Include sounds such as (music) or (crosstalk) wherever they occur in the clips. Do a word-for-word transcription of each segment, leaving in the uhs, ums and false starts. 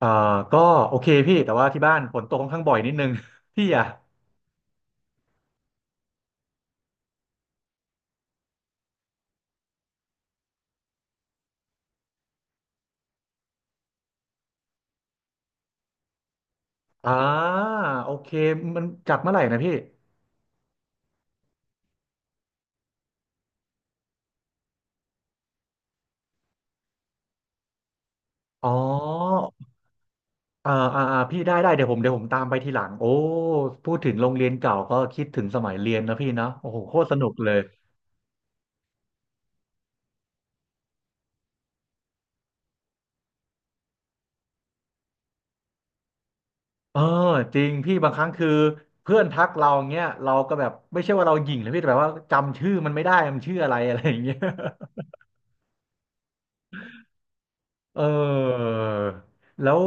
อ่าก็โอเคพี่แต่ว่าที่บ้านฝนตกค่อนข้างบ่อยนิดนึง (laughs) พี่อ่ะอ่าโอเคมันจัดเมื่อไหร่นะพี่อ๋ออ่าอ่าอ่าพี่ได้ได้เดี๋ยวผมเดี๋ยวผมตามไปทีหลังโอ้พูดถึงโรงเรียนเก่าก็คิดถึงสมัยเรียนนะพี่เนาะโอ้โหโคตรสนุกเลยเออจริงพี่บางครั้งคือเพื่อนทักเราเงี้ยเราก็แบบไม่ใช่ว่าเราหยิ่งนะพี่แต่แบบว่าจำชื่อมันไม่ได้มันชื่ออะไรอะไรอย่างเงี้ย (laughs) เออแล้ว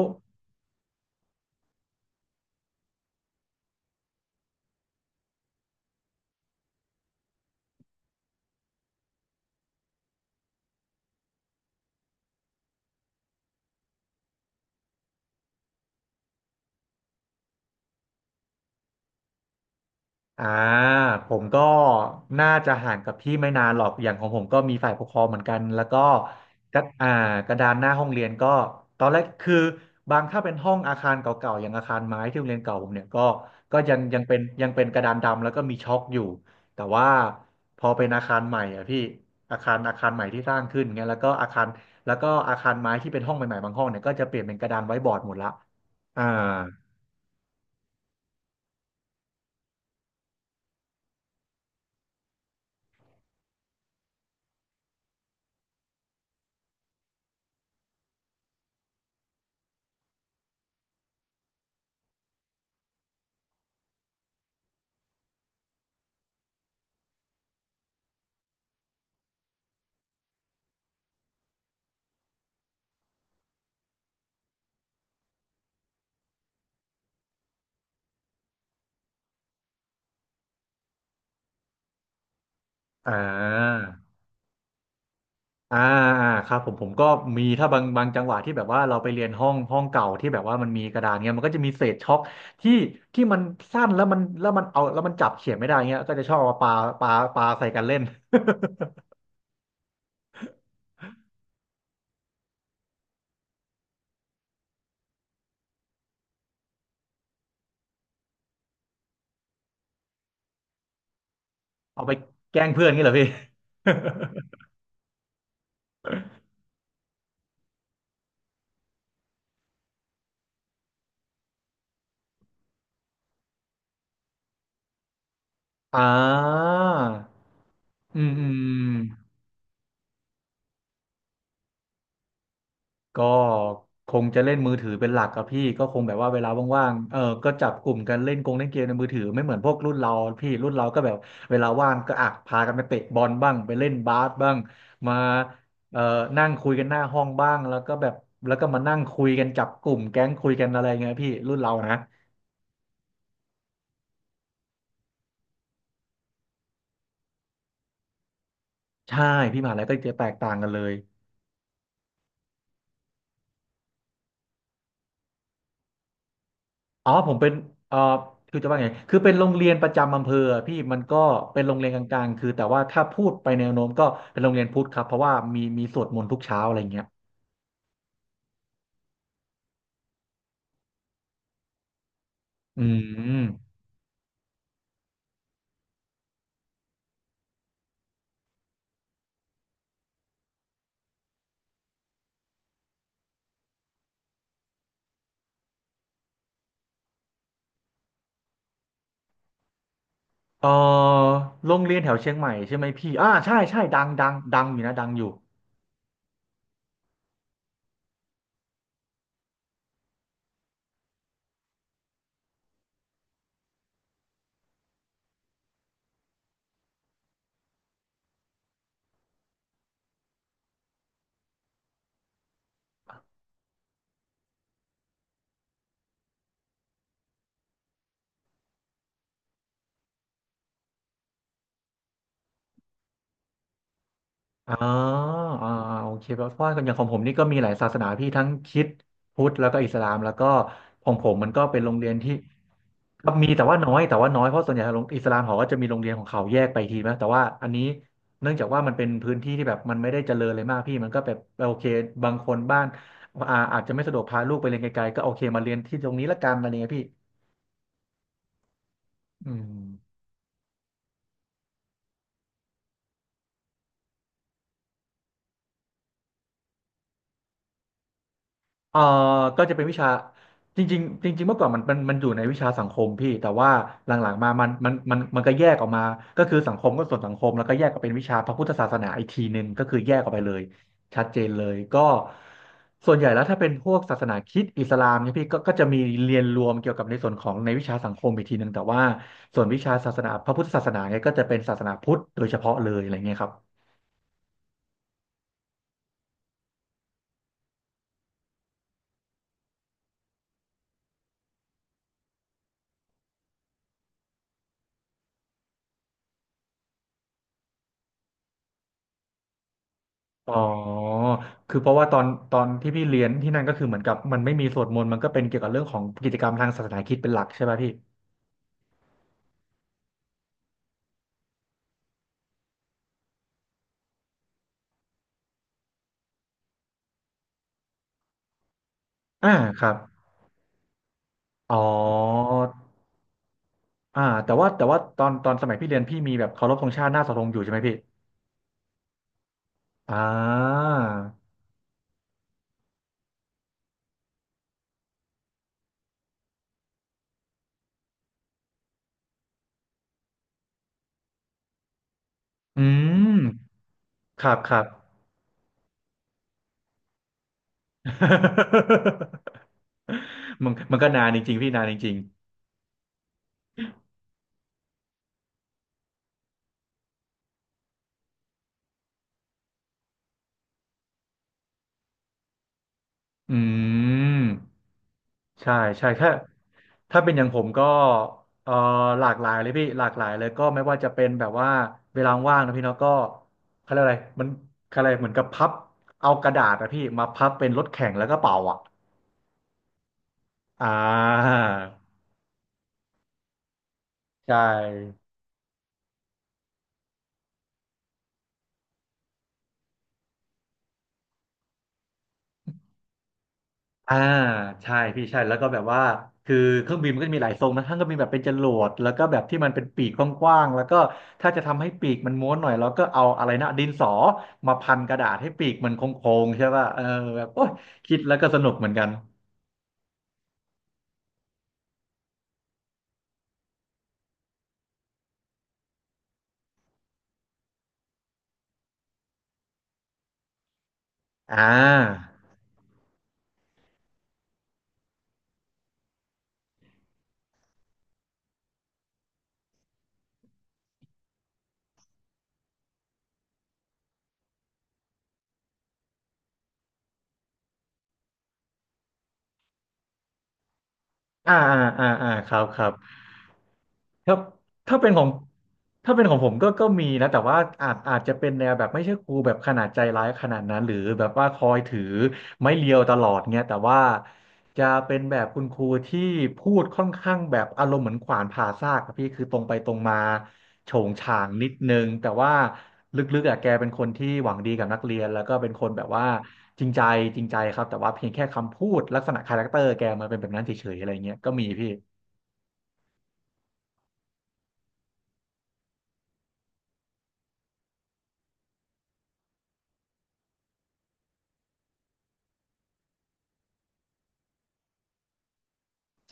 อ่าผมก็น่าจะห่างกับพี่ไม่นานหรอกอย่างของผมก็มีฝ่ายปกครองเหมือนกันแล้วก็กระอ่ากระดานหน้าห้องเรียนก็ตอนแรกคือบางถ้าเป็นห้องอาคารเก่าๆอย่างอาคารไม้ที่โรงเรียนเก่าผมเนี่ยก็ก็ยังยังเป็นยังเป็นกระดานดำแล้วก็มีช็อคอยู่แต่ว่าพอเป็นอาคารใหม่อ่ะพี่อาคารอาคารใหม่ที่สร้างขึ้นเงี้ยแล้วก็อาคารแล้วก็อาคารไม้ที่เป็นห้องใหม่ๆบางห้องเนี่ยก็จะเปลี่ยนเป็นกระดานไว้บอร์ดหมดละอ่าอ่า อ่าอ่าครับผมผมก็มีถ้าบางบางจังหวะที่แบบว่าเราไปเรียนห้องห้องเก่าที่แบบว่ามันมีกระดานเงี้ยมันก็จะมีเศษช็อกที่ที่มันสั้นแล้วมันแล้วมันเอาแล้วมันจับเขียนไม่ได้เงี้ยก็จะชอบเอามาปาปาปาใส่กันเล่น (laughs) เอาไปแกล้งเพื่อนงี้เหรอพี่ (laughs) อ่าอืมอืม ก็คงจะเล่นมือถือเป็นหลักครับพี่ก็คงแบบว่าเวลาว่างๆเออก็จับกลุ่มกันเล่นกงเล่นเกมในมือถือไม่เหมือนพวกรุ่นเราพี่รุ่นเราก็แบบเวลาว่างก็อ่ะพากันไปเตะบอลบ้างไปเล่นบาสบ้างมาเอ่อนั่งคุยกันหน้าห้องบ้างแล้วก็แบบแล้วก็มานั่งคุยกันจับกลุ่มแก๊งคุยกันอะไรเงี้ยพี่รุ่นเรานะใช่พี่มหาลัยก็จะแตกต่างกันเลย อ๋อผมเป็นเอ่อคือจะว่าไงคือเป็นโรงเรียนประจำอำเภออะพี่มันก็เป็นโรงเรียนกลางๆคือแต่ว่าถ้าพูดไปแนวโน้มก็เป็นโรงเรียนพุทธครับเพราะว่ามีมีสวดมนต์ทุกเช้าอะไรเงี้ยอืมเอ่อโรงเรียนแถวเชียงใหม่ใช่ไหมพี่อ่าใช่ใช่ดังดังดังอยู่นะดังอยู่ อ๋ออ่าอ่าโอเคเพราะว่าอย่างของผมนี่ก็มีหลายศาสนาพี่ทั้งคริสต์พุทธแล้วก็อิสลามแล้วก็ของผมมันก็เป็นโรงเรียนที่ครั็มีแต่ว่าน้อยแต่ว่าน้อยเพราะส่วนใหญ่โรงอิสลามเขาก็จะมีโรงเรียนของเขาแยกไปทีนะแต่ว่าอันนี้เนื่องจากว่ามันเป็นพื้นที่ที่แบบมันไม่ได้เจริญเลยมากพี่มันก็แบบโอเคบางคนบ้านอ่าอาจจะไม่สะดวกพาลูกไปเรียนไกลๆก็โอเคมาเรียนที่ตรงนี้ละกันอะไรเงี้ยพี่อืม เอ่อก็จะเป็นวิชาจริงๆจริงๆเมื่อก่อนมันมันมันอยู่ในวิชาสังคมพี่แต่ว่าหลังๆมามันมันมันมันก็แยกออกมาก็คือสังคมก็ส่วนสังคมแล้วก็แยกก็เป็นวิชาพระพุทธศาสนาอีกทีหนึ่งก็คือแยกออกไปเลยชัดเจนเลยก็ส่วนใหญ่แล้วถ้าเป็นพวกศาสนาคริสต์อิสลามเนี่ยพี่ก็ก็จะมีเรียนรวมเกี่ยวกับในส่วนของในวิชาสังคมอีกทีหนึ่งแต่ว่าส่วนวิชาศาสนาพระพุทธศาสนาเนี่ยก็จะเป็นศาสนาพุทธโดยเฉพาะเลยอะไรเงี้ยครับ อ๋อคือเพราะว่าตอนตอนที่พี่เรียนที่นั่นก็คือเหมือนกับมันไม่มีสวดมนต์มันก็เป็นเกี่ยวกับเรื่องของกิจกรรมทางศาสนาคริสต์เป็นหลักใช่ไหมพี่อ่าครับอ๋ออ่าแต่ว่าแต่ว่าตอนตอนสมัยพี่เรียนพี่มีแบบเคารพธงชาติหน้าเสาธงอยู่ใช่ไหมพี่อ่าอืมครับครับ (laughs) มันมันก็นานจริงๆพี่นานจริงๆอืม ใช่ใช่ถ้าถ้าเป็นอย่างผมก็เอ่อหลากหลายเลยพี่หลากหลายเลยก็ไม่ว่าจะเป็นแบบว่าเวลาว่างนะพี่เนาะก็เขาเรียกอะไรมันเขาเรียกอะไรเหมือนกับพับเอากระดาษอะพี่มาพับเป็นรถแข่งแล้วก็เป่าอ่ะอ่าใช่ อ่าใช่พี่ใช่แล้วก็แบบว่าคือเครื่องบินมันก็จะมีหลายทรงนะทั้งก็มีแบบเป็นจรวดแล้วก็แบบที่มันเป็นปีกกว้างๆแล้วก็ถ้าจะทำให้ปีกมันม้วนหน่อยเราก็เอาอะไรนะดินสอมาพันกระดาษให้ปีกมันโค้งๆใช่ป่ะเออแบบโอ๊ยคิดแล้วก็สนุกเหมือนกันอ่าอ่าอ่าอ่าอ่าครับครับ ครับถ้าเป็นของถ้าเป็นของผมก็ก็มีนะแต่ว่าอาจอาจจะเป็นแนวแบบไม่ใช่ครูแบบขนาดใจร้ายขนาดนั้นหรือแบบว่าคอยถือไม้เรียวตลอดเงี้ยแต่ว่าจะเป็นแบบคุณครูที่พูดค่อนข้างแบบอารมณ์เหมือนขวานผ่าซากครับพี่คือตรงไปตรงมาโฉงฉางนิดนึงแต่ว่าลึกๆอ่ะแกเป็นคนที่หวังดีกับนักเรียนแล้วก็เป็นคนแบบว่าจริงใจจริงใจครับแต่ว่าเพียงแค่คำพูดลักษณะคาแรคเตอร์แกมันเป็นแบบนั้นเฉยๆอะไรเงี้ยก็มีพี่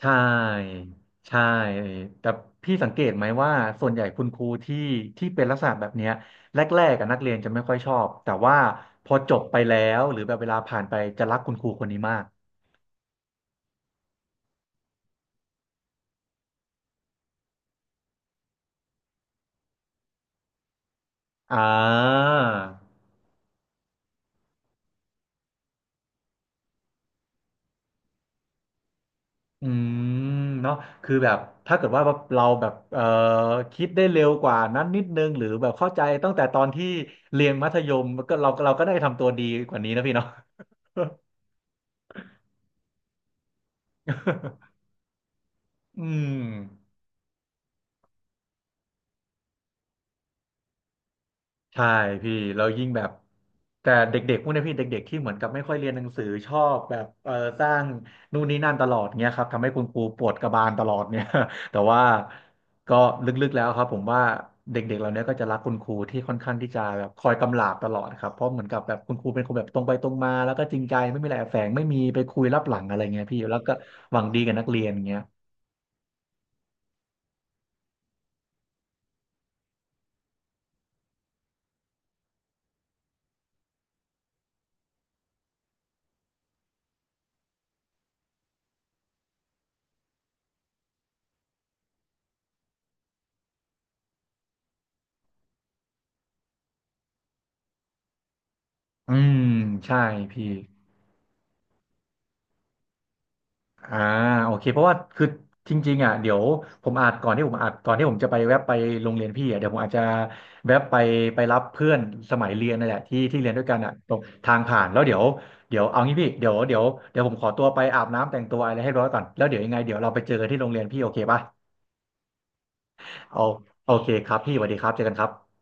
ใช่ใช่แต่พี่สังเกตไหมว่าส่วนใหญ่คุณครูที่ที่เป็นลักษณะแบบเนี้ยแรกๆกับนักเรียนจะไม่ค่อยชอบแต่ว่าพอจบไปแล้วหรือแบบเวลาผ่านไปจะรักคุณครูคนนี้มากอ่าอืมเนาะคือแบบถ้าเกิดว่าเราแบบเอ่อคิดได้เร็วกว่านั้นนิดนึงหรือแบบเข้าใจตั้งแต่ตอนที่เรียนมัธยมก็เราเราก็ได้ทำตัวดีกว่านี้นะพี่เนาะ (laughs) อืม ใช่พี่เรายิ่งแบบแต่เด็กๆพวกเนี้ยพี่เด็กๆที่เหมือนกับไม่ค่อยเรียนหนังสือชอบแบบเออสร้างนู่นนี่นั่นตลอดเงี้ยครับทำให้คุณครูปวดกระบาลตลอดเนี่ย (laughs) แต่ว่าก็ลึกๆแล้วครับผมว่าเด็กๆเราเนี้ยก็จะรักคุณครูที่ค่อนข้างที่จะแบบคอยกำลาบตลอดครับเพราะเหมือนกับแบบคุณครูเป็นคนแบบตรงไปตรงมาแล้วก็จริงใจไม่มีอะไรแอบแฝงไม่มีไปคุยลับหลังอะไรเงี้ยพี่แล้วก็หวังดีกับนักเรียนเงี้ยอืมใช่พี่ อ่าโอเคเพราะว่าคือจริงๆอ่ะเดี๋ยวผมอาจก่อนที่ผมอาจก่อนที่ผมจะไปแวะไปโรงเรียนพี่อ่ะเดี๋ยวผมอาจจะแวะไปไปรับเพื่อนสมัยเรียนนั่นแหละที่ที่เรียนด้วยกันอ่ะตรงทางผ่านแล้วเดี๋ยวเดี๋ยวเอางี้พี่เดี๋ยวเดี๋ยวเดี๋ยวผมขอตัวไปอาบน้ำแต่งตัวอะไรให้ร้อยก่อนแล้วเดี๋ยวยังไงเดี๋ยวเราไปเจอกันที่โรงเรียนพี่โอเคป่ะเอาโอเคครับพี่สวัสดีครับเจอกันครับ